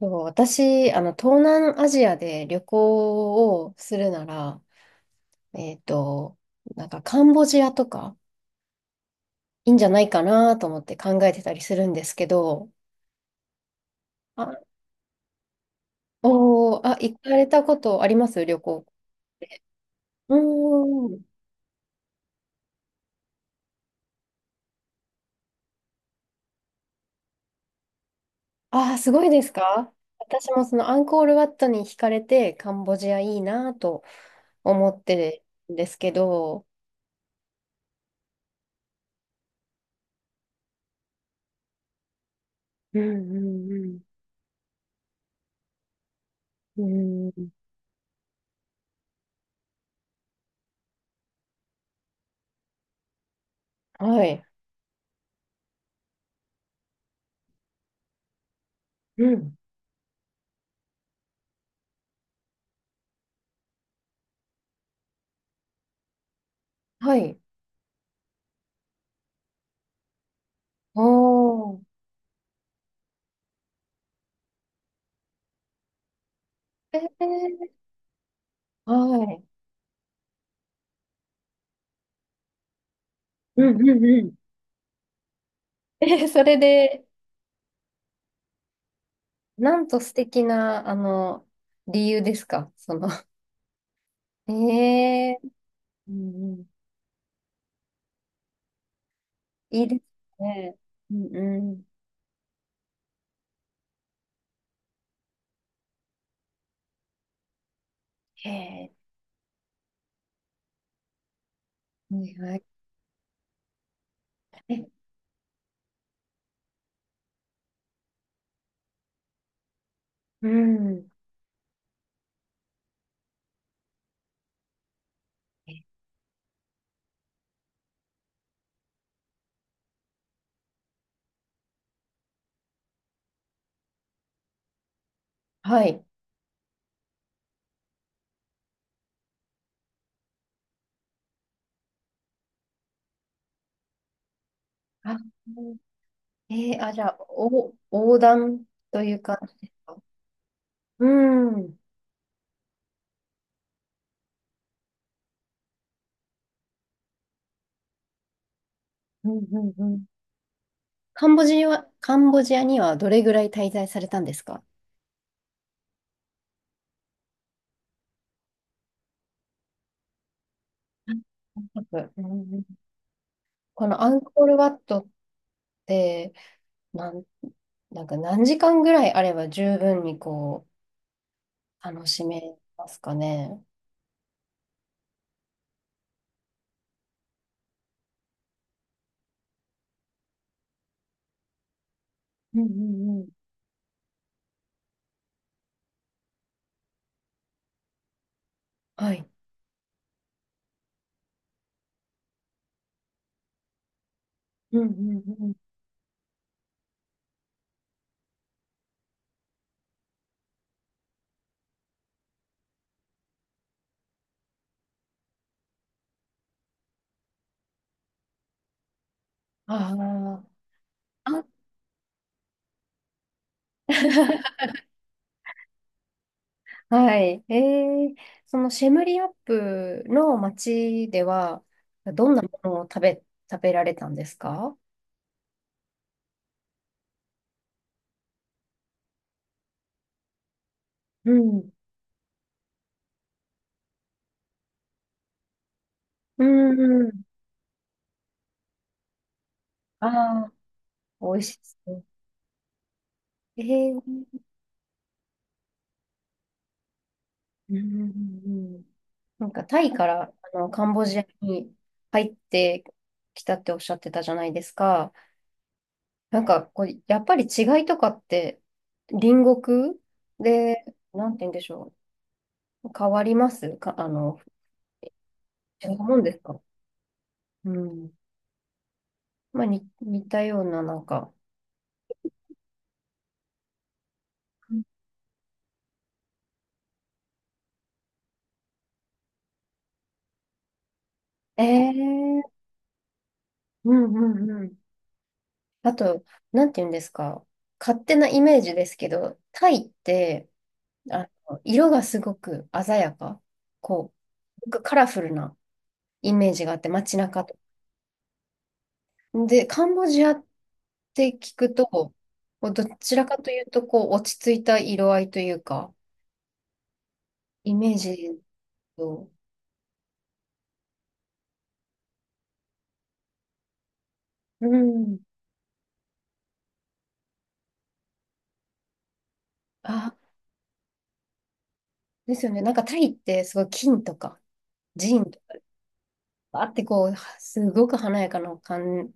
そう私、東南アジアで旅行をするなら、えっと、なんかカンボジアとかいいんじゃないかなと思って考えてたりするんですけど、あ、おー、あ、行かれたことあります旅行？うーん。あー、すごいですか？私もそのアンコールワットに惹かれてカンボジアいいなと思ってるんですけど、うんうんうん。うん。はい。うん。はい。おー。えーはい。うんうんうん。え、それで、なんと素敵な、理由ですか、ええ、うんうん。いいですね。うんうん。へえ、はいはい。え、うん。え、はい。あ、えあ、じゃあ、横断というか、うん。うんうんうん。カンボジアにはどれぐらい滞在されたんですか？あ、うん、このアンコールワットって、なん、なんか何時間ぐらいあれば十分にこう、楽しめますかね？うんうんうん。はい。うんうんうん。ああ。あ、 はい。ー、そのシェムリアップの町では、どんなものを食べられたんですか？うん。うんうん。ああ、美味しそう。えーうんうんうん。なんかタイからカンボジアに入ってきたっておっしゃってたじゃないですか。なんかこう、やっぱり違いとかって隣国で、なんて言うんでしょう？変わりますか、違うもんですか？うん。まあ、に似たような、なんか。ええ、うんうんうん。あと、なんて言うんですか。勝手なイメージですけど、タイって、色がすごく鮮やか。こう、なんかカラフルなイメージがあって、街中と。で、カンボジアって聞くと、どちらかというと、こう、落ち着いた色合いというか、イメージと、うん、あ、ですよね。なんかタイって、すごい金とか、ジンとか、あってこう、すごく華やかな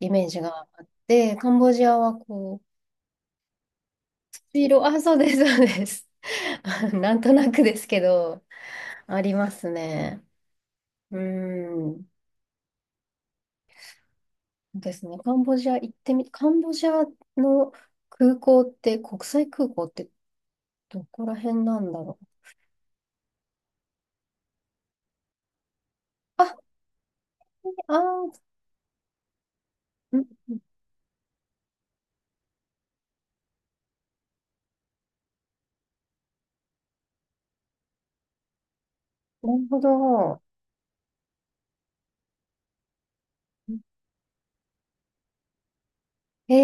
イメージがあって、カンボジアはこう、黄色、あ、そうです、そうです。なんとなくですけど、ありますね。うーん。そうですね。カンボジアの空港って、国際空港ってどこら辺なんだろう。あ、あー、うん、なるほど。え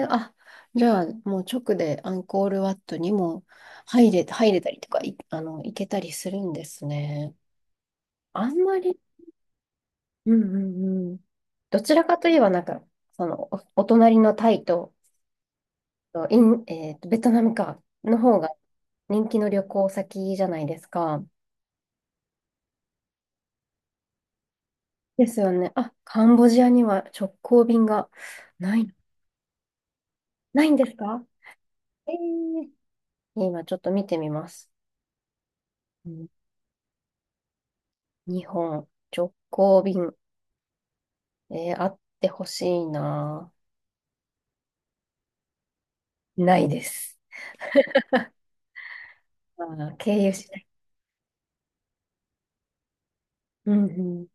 え、あ、じゃあ、もう直でアンコールワットにも入れたりとか、い、あの、行けたりするんですね。あんまり、うんうんうん。どちらかといえば、なんか、その、お隣のタイと、イン、えーと、ベトナムか、の方が人気の旅行先じゃないですか。ですよね。あ、カンボジアには直行便がない、ないんですか？えー今ちょっと見てみます。うん、日本直行便、あってほしいな。ないです。あー、経由しない。うんうん、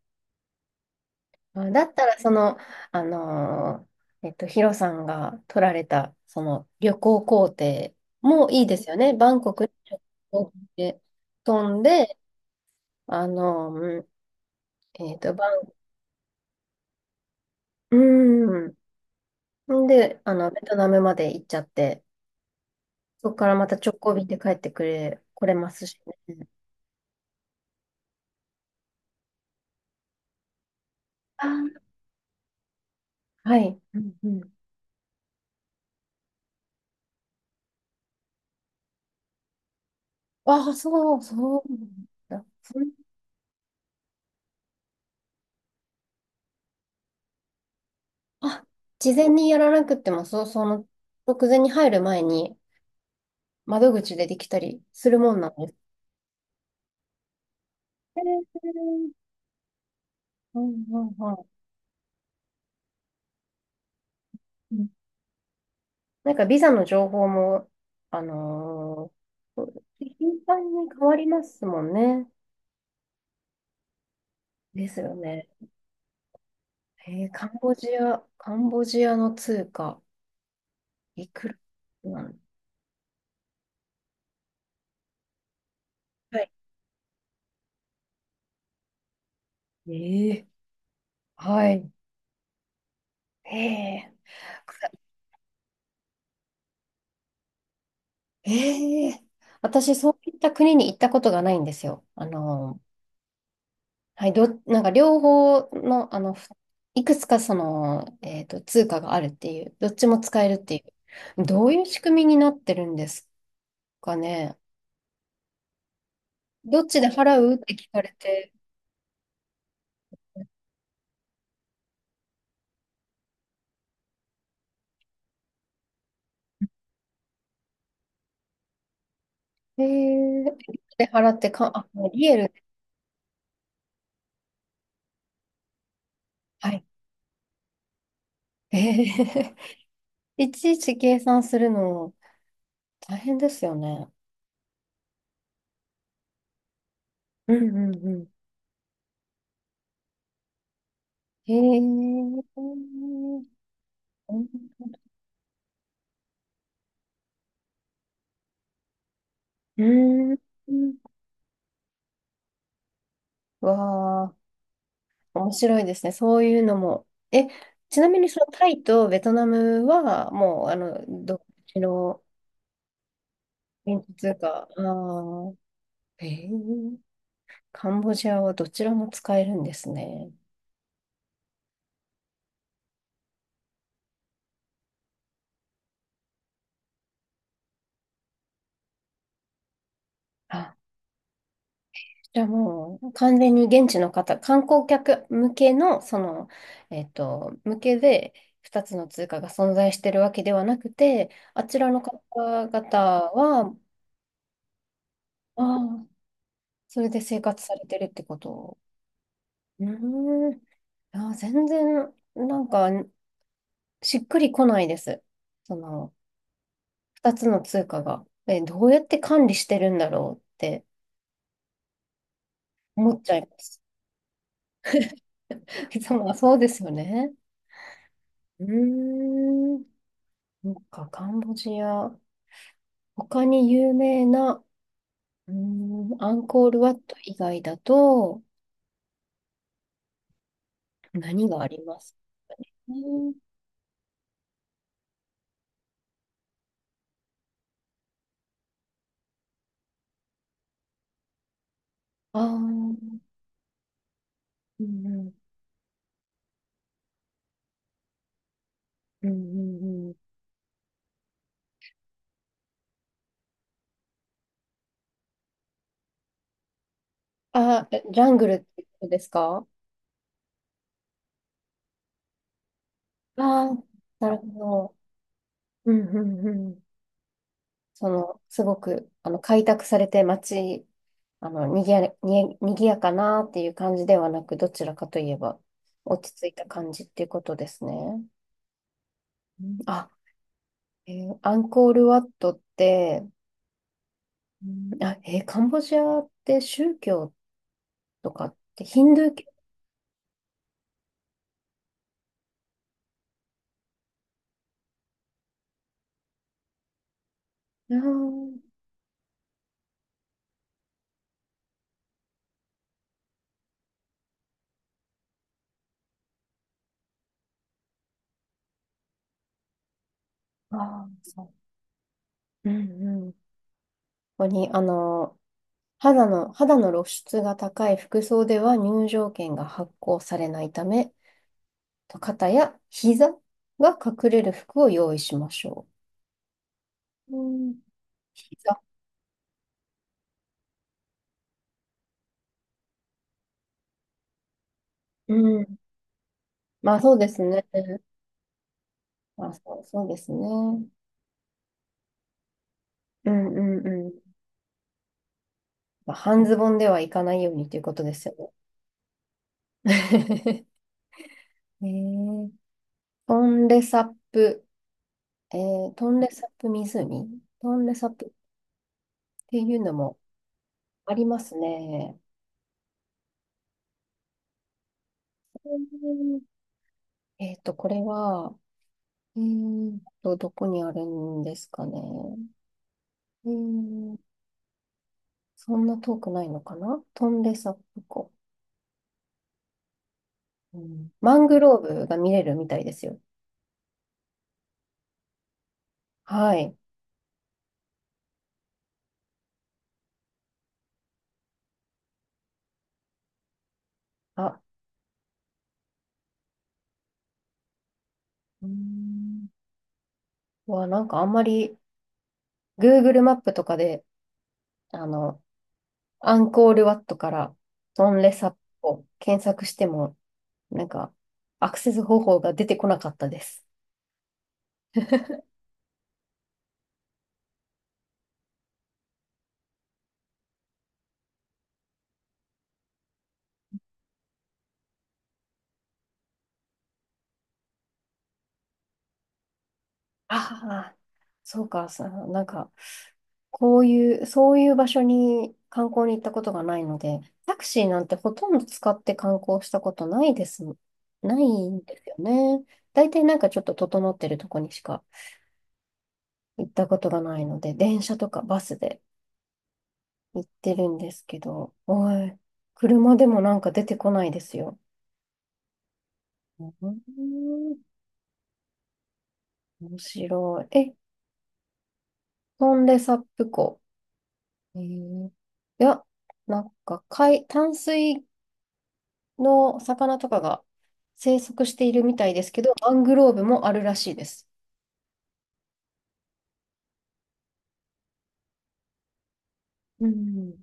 まあだったら、その、あのヒロさんが取られた、その旅行行程もいいですよね。バンコクに直行で飛んで、うん、うん。で、ベトナムまで行っちゃって、そこからまた直行便で帰ってくれ、来れますしね。あー、はい。うんうん。ああ、そう、そうなんだ。そんあ、事前にやらなくっても、そう、直前に入る前に、窓口でできたりするもんなんです。えーうんうんうん。なんかビザの情報も、あの頻繁に変わりますもんね。ですよね。カンボジアの通貨、いくらなん、はい。えー、はい。えー、たくさん、えー、私、そういった国に行ったことがないんですよ。はい、なんか両方の、いくつかその、通貨があるっていう、どっちも使えるっていう、どういう仕組みになってるんですかね。どっちで払うって聞かれて、えー、で払ってか、あ、もうリエル、はい。えいちいち計算するの大変ですよね。うんうんうん。えー、うん、うん、わー、面白いですね、そういうのも。え、ちなみにそのタイとベトナムは、もう、どっちの現地通貨、あー、えーカンボジアはどちらも使えるんですね。あ、じゃあもう、完全に現地の方、観光客向けの、向けで、2つの通貨が存在してるわけではなくて、あちらの方々は、ああ、それで生活されてるってこと。うーん、あー、全然、なんか、しっくりこないです。その、二つの通貨が。え、どうやって管理してるんだろうって思っちゃいます。いつも、そうですよね。うーん。なんか、カンボジア、他に有名な、うーアンコールワット以外だと、何がありますかね？ああ、うん、うん、うんうんうん。あー、ジャングルってことですか？ああー、なるほど。うんうんうん。その、すごく、開拓されて街、にぎやかなっていう感じではなく、どちらかといえば、落ち着いた感じっていうことですね。うん、あ、アンコールワットって、うん、あ、カンボジアって宗教とかってヒンドゥー教？あー、あー、そう。うんうん。ここに、肌の露出が高い服装では入場券が発行されないため、と肩や膝が隠れる服を用意しましょう。うん。膝。うん。まあそうですね。まあそう、そうですね。うんうんうん。まあ、半ズボンではいかないようにということですよね。えー、トンレサップ、トンレサップ湖、トンレサップっていうのもありますね。うん、これは、どこにあるんですかね。えーそんな遠くないのかな、トンレサ湖。うん、マングローブが見れるみたいですよ。はい。あ、うーんわ、なんかあんまり Google マップとかで、あの、アンコールワットからトンレサを検索しても、なんかアクセス方法が出てこなかったです。ああ、そうか、なんかこういう、そういう場所に観光に行ったことがないので、タクシーなんてほとんど使って観光したことないです。ないんですよね。大体なんかちょっと整ってるとこにしか行ったことがないので、電車とかバスで行ってるんですけど、車でもなんか出てこないですよ。うん、面白い。え、トンレサップ湖。えーいや、なんか海、淡水の魚とかが生息しているみたいですけど、マングローブもあるらしいです。うん。